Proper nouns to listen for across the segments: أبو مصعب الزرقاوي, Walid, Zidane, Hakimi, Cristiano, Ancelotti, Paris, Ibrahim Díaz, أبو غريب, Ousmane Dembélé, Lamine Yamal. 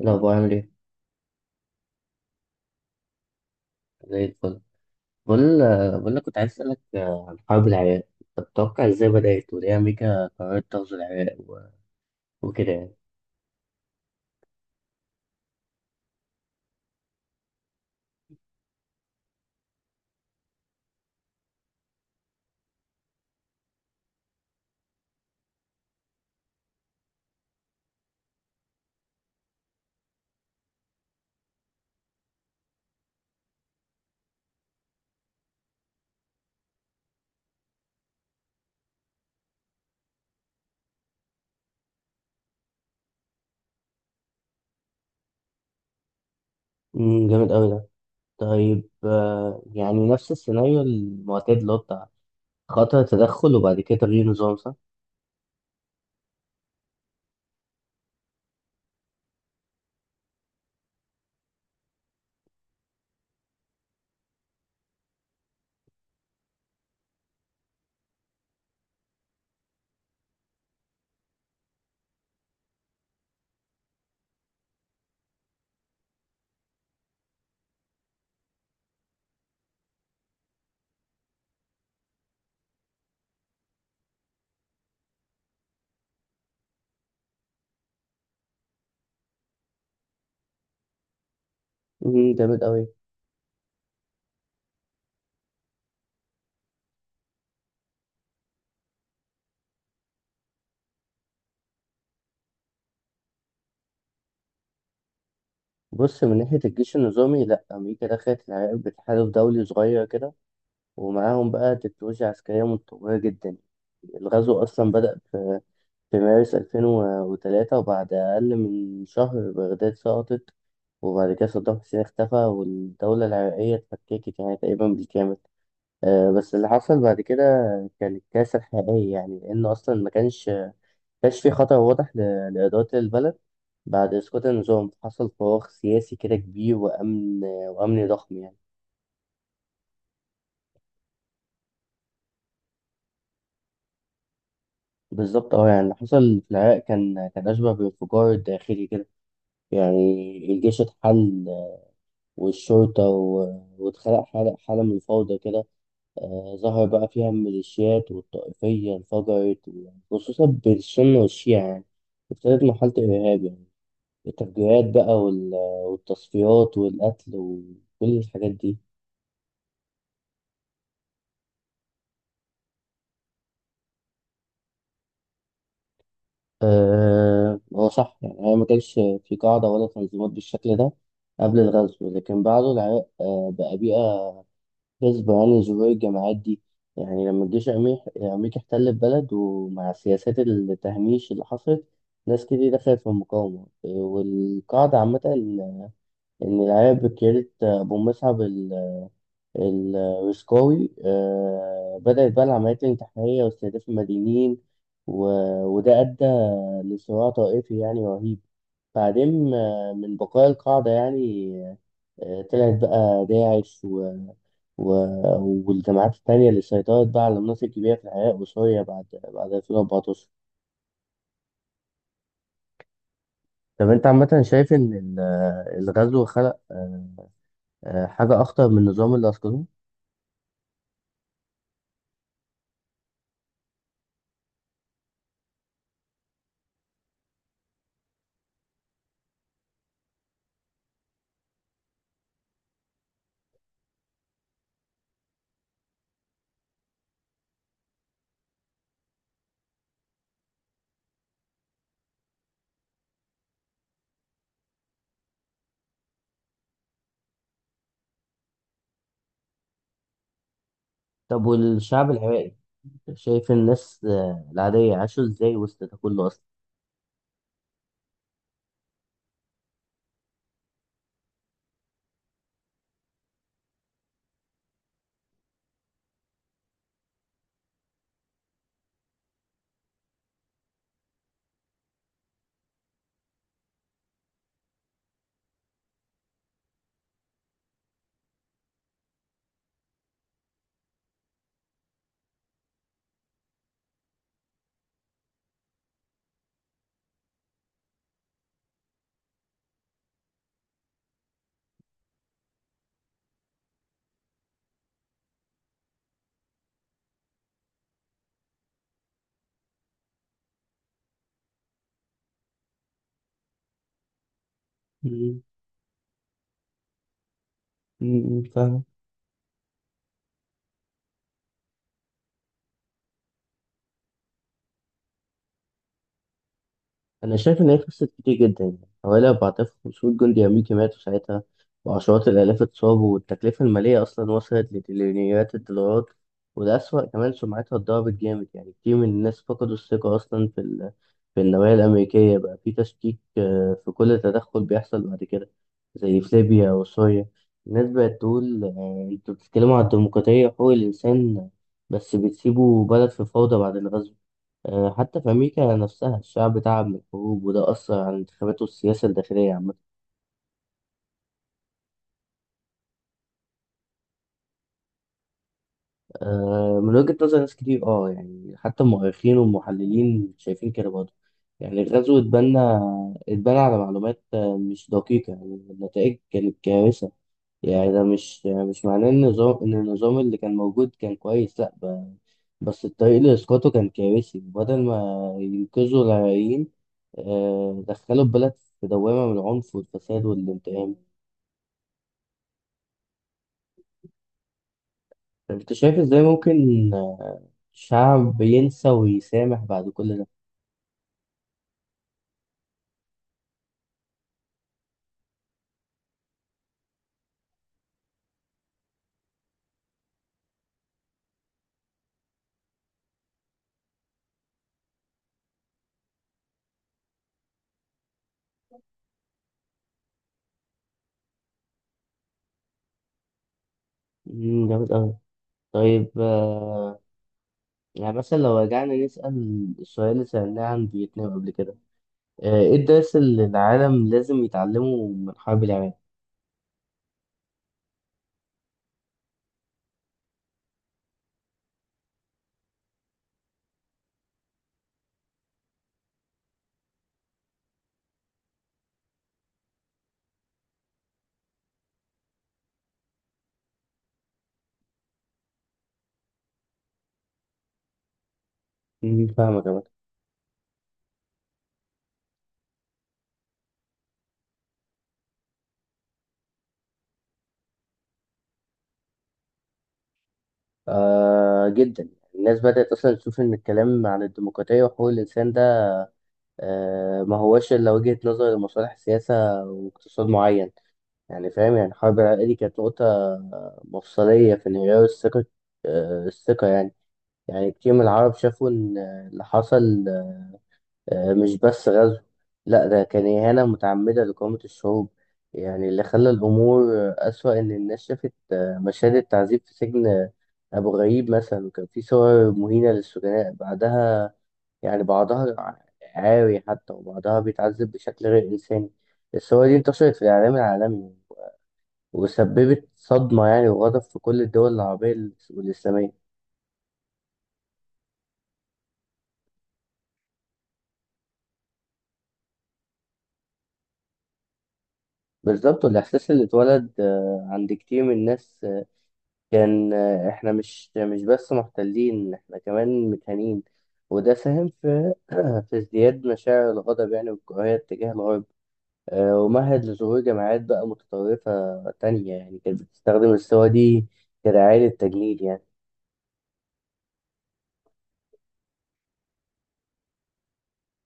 الأخبار عامل إيه؟ زي الفل. بقول بقول لك كنت عايز أسألك عن حرب العراق، طب تتوقع إزاي بدأت وليه أمريكا قررت تغزو العراق وكده يعني؟ جامد أوي ده. طيب، يعني نفس السيناريو المعتاد اللي هو بتاع خطر تدخل وبعد كده تغيير نظام، صح؟ جامد أوي. بص، من ناحية الجيش النظامي لأ، أمريكا دخلت العراق بتحالف دولي صغير كده، ومعاهم بقى تكنولوجيا عسكرية متطورة جدا. الغزو أصلا بدأ في مارس 2003، وبعد أقل من شهر بغداد سقطت، وبعد كده صدام حسين اختفى والدولة العراقية اتفككت يعني تقريبا بالكامل. بس اللي حصل بعد كده كان الكارثة الحقيقية، يعني لأن أصلا ما كانش في خطر واضح لإدارة البلد. بعد إسقاط النظام حصل فراغ سياسي كده كبير، وأمن ضخم يعني. بالظبط اه، يعني اللي حصل في العراق كان أشبه بانفجار داخلي كده يعني. الجيش اتحل والشرطة واتخلق حالة من الفوضى كده. ظهر بقى فيها الميليشيات والطائفية انفجرت خصوصا بين السنة والشيعة يعني. ابتدت مرحلة الإرهاب يعني، التفجيرات بقى والتصفيات والقتل وكل الحاجات دي. هو صح يعني، هي ما كانش في قاعدة ولا تنظيمات بالشكل ده قبل الغزو، لكن بعده العراق بقى بيئة غصب عن ظهور الجماعات دي. يعني لما الجيش الأمريكي احتل البلد، ومع سياسات التهميش اللي حصلت، ناس كتير دخلت في المقاومة والقاعدة عامة. إن العيال بكيرة أبو مصعب الرسكوي، بدأت بقى العمليات الانتحارية واستهداف المدنيين و... وده أدى لصراع طائفي يعني رهيب. بعدين، من بقايا القاعدة يعني، طلعت بقى داعش والجامعات التانية اللي سيطرت بقى على مناطق كبيرة في العراق وسوريا بعد 2014. طب أنت عامة شايف إن الغزو خلق حاجة أخطر من النظام اللي أسقطوه؟ طب والشعب العراقي، شايف الناس العادية عاشوا إزاي وسط ده كله أصلا؟ مم. مم، فاهمك. أنا شايف إن هي خسرت كتير جدا، يعني حوالي 4500 جندي أمريكي ماتوا ساعتها وعشرات الآلاف اتصابوا، والتكلفة المالية أصلا وصلت لتريليونيات الدولارات. وده أسوأ، كمان سمعتها اتضربت جامد، يعني كتير من الناس فقدوا الثقة أصلا في في النوايا الأمريكية، بقى في تشكيك في كل تدخل بيحصل بعد كده زي في ليبيا وسوريا. الناس بقت تقول أنتوا بتتكلموا عن الديمقراطية وحقوق الإنسان، بس بتسيبوا بلد في فوضى بعد الغزو. حتى في أمريكا نفسها الشعب تعب من الحروب، وده أثر على الانتخابات والسياسة الداخلية عامة. من وجهة نظر ناس كتير اه، يعني حتى المؤرخين والمحللين شايفين كده برضه. يعني الغزو اتبنى على معلومات مش دقيقة، يعني النتائج كانت كارثة. يعني ده مش يعني مش معناه إن النظام، إن النظام اللي كان موجود كان كويس، لأ. بس الطريق لإسقاطه كان كارثي، بدل ما ينقذوا العراقيين دخلوا البلد في دوامة من العنف والفساد والانتقام. انت شايف ازاي ممكن شعب ينسى ويسامح بعد كل ده؟ مم، جامد أوي. طيب يعني مثلا لو رجعنا نسأل السؤال اللي سألناه عن فيتنام قبل كده، ايه الدرس اللي العالم لازم يتعلمه من حرب العراق؟ مم، فاهمك يا مدحت. آه جدا. الناس بدأت أصلا تشوف إن الكلام عن الديمقراطية وحقوق الإنسان ده آه، ما هوش إلا وجهة نظر لمصالح سياسة واقتصاد معين. يعني فاهم، يعني الحرب العراقية دي كانت نقطة مفصلية في انهيار الثقة، الثقة يعني. يعني كتير من العرب شافوا إن اللي حصل مش بس غزو، لأ ده كان إهانة متعمدة لقومة الشعوب. يعني اللي خلى الأمور أسوأ إن الناس شافت مشاهد التعذيب في سجن أبو غريب مثلا، وكان في صور مهينة للسجناء بعدها، يعني بعضها عاري حتى، وبعضها بيتعذب بشكل غير إنساني. الصور دي انتشرت في الإعلام العالمي، وسببت صدمة يعني وغضب في كل الدول العربية والإسلامية. بالظبط، والإحساس اللي اتولد عند كتير من الناس كان إحنا مش بس محتلين، إحنا كمان متهانين. وده ساهم في في ازدياد مشاعر الغضب يعني والكراهية تجاه الغرب. ومهد لظهور جماعات بقى متطرفة تانية، يعني كانت بتستخدم الصور دي كدعاية للتجنيد يعني.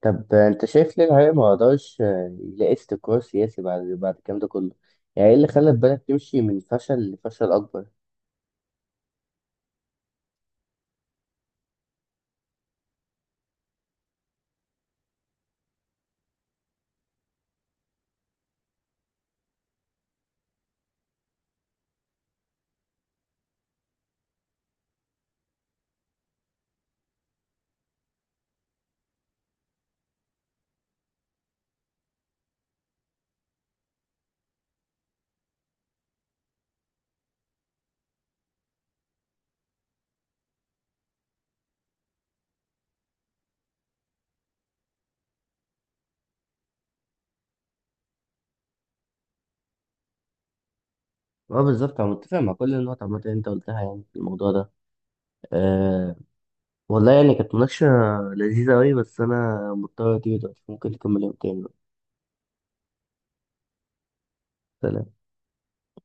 طب انت شايف ليه العيال ما قدرش يلاقي استقرار سياسي بعد الكلام ده كله؟ يعني ايه اللي خلى البلد تمشي من فشل لفشل اكبر؟ اه بالظبط، انا متفق مع كل النقط عامه اللي انت قلتها يعني في الموضوع ده. آه، والله يعني كانت مناقشه لذيذه قوي، بس انا مضطر اجي دلوقتي، ممكن نكمل يوم تاني بقى. سلام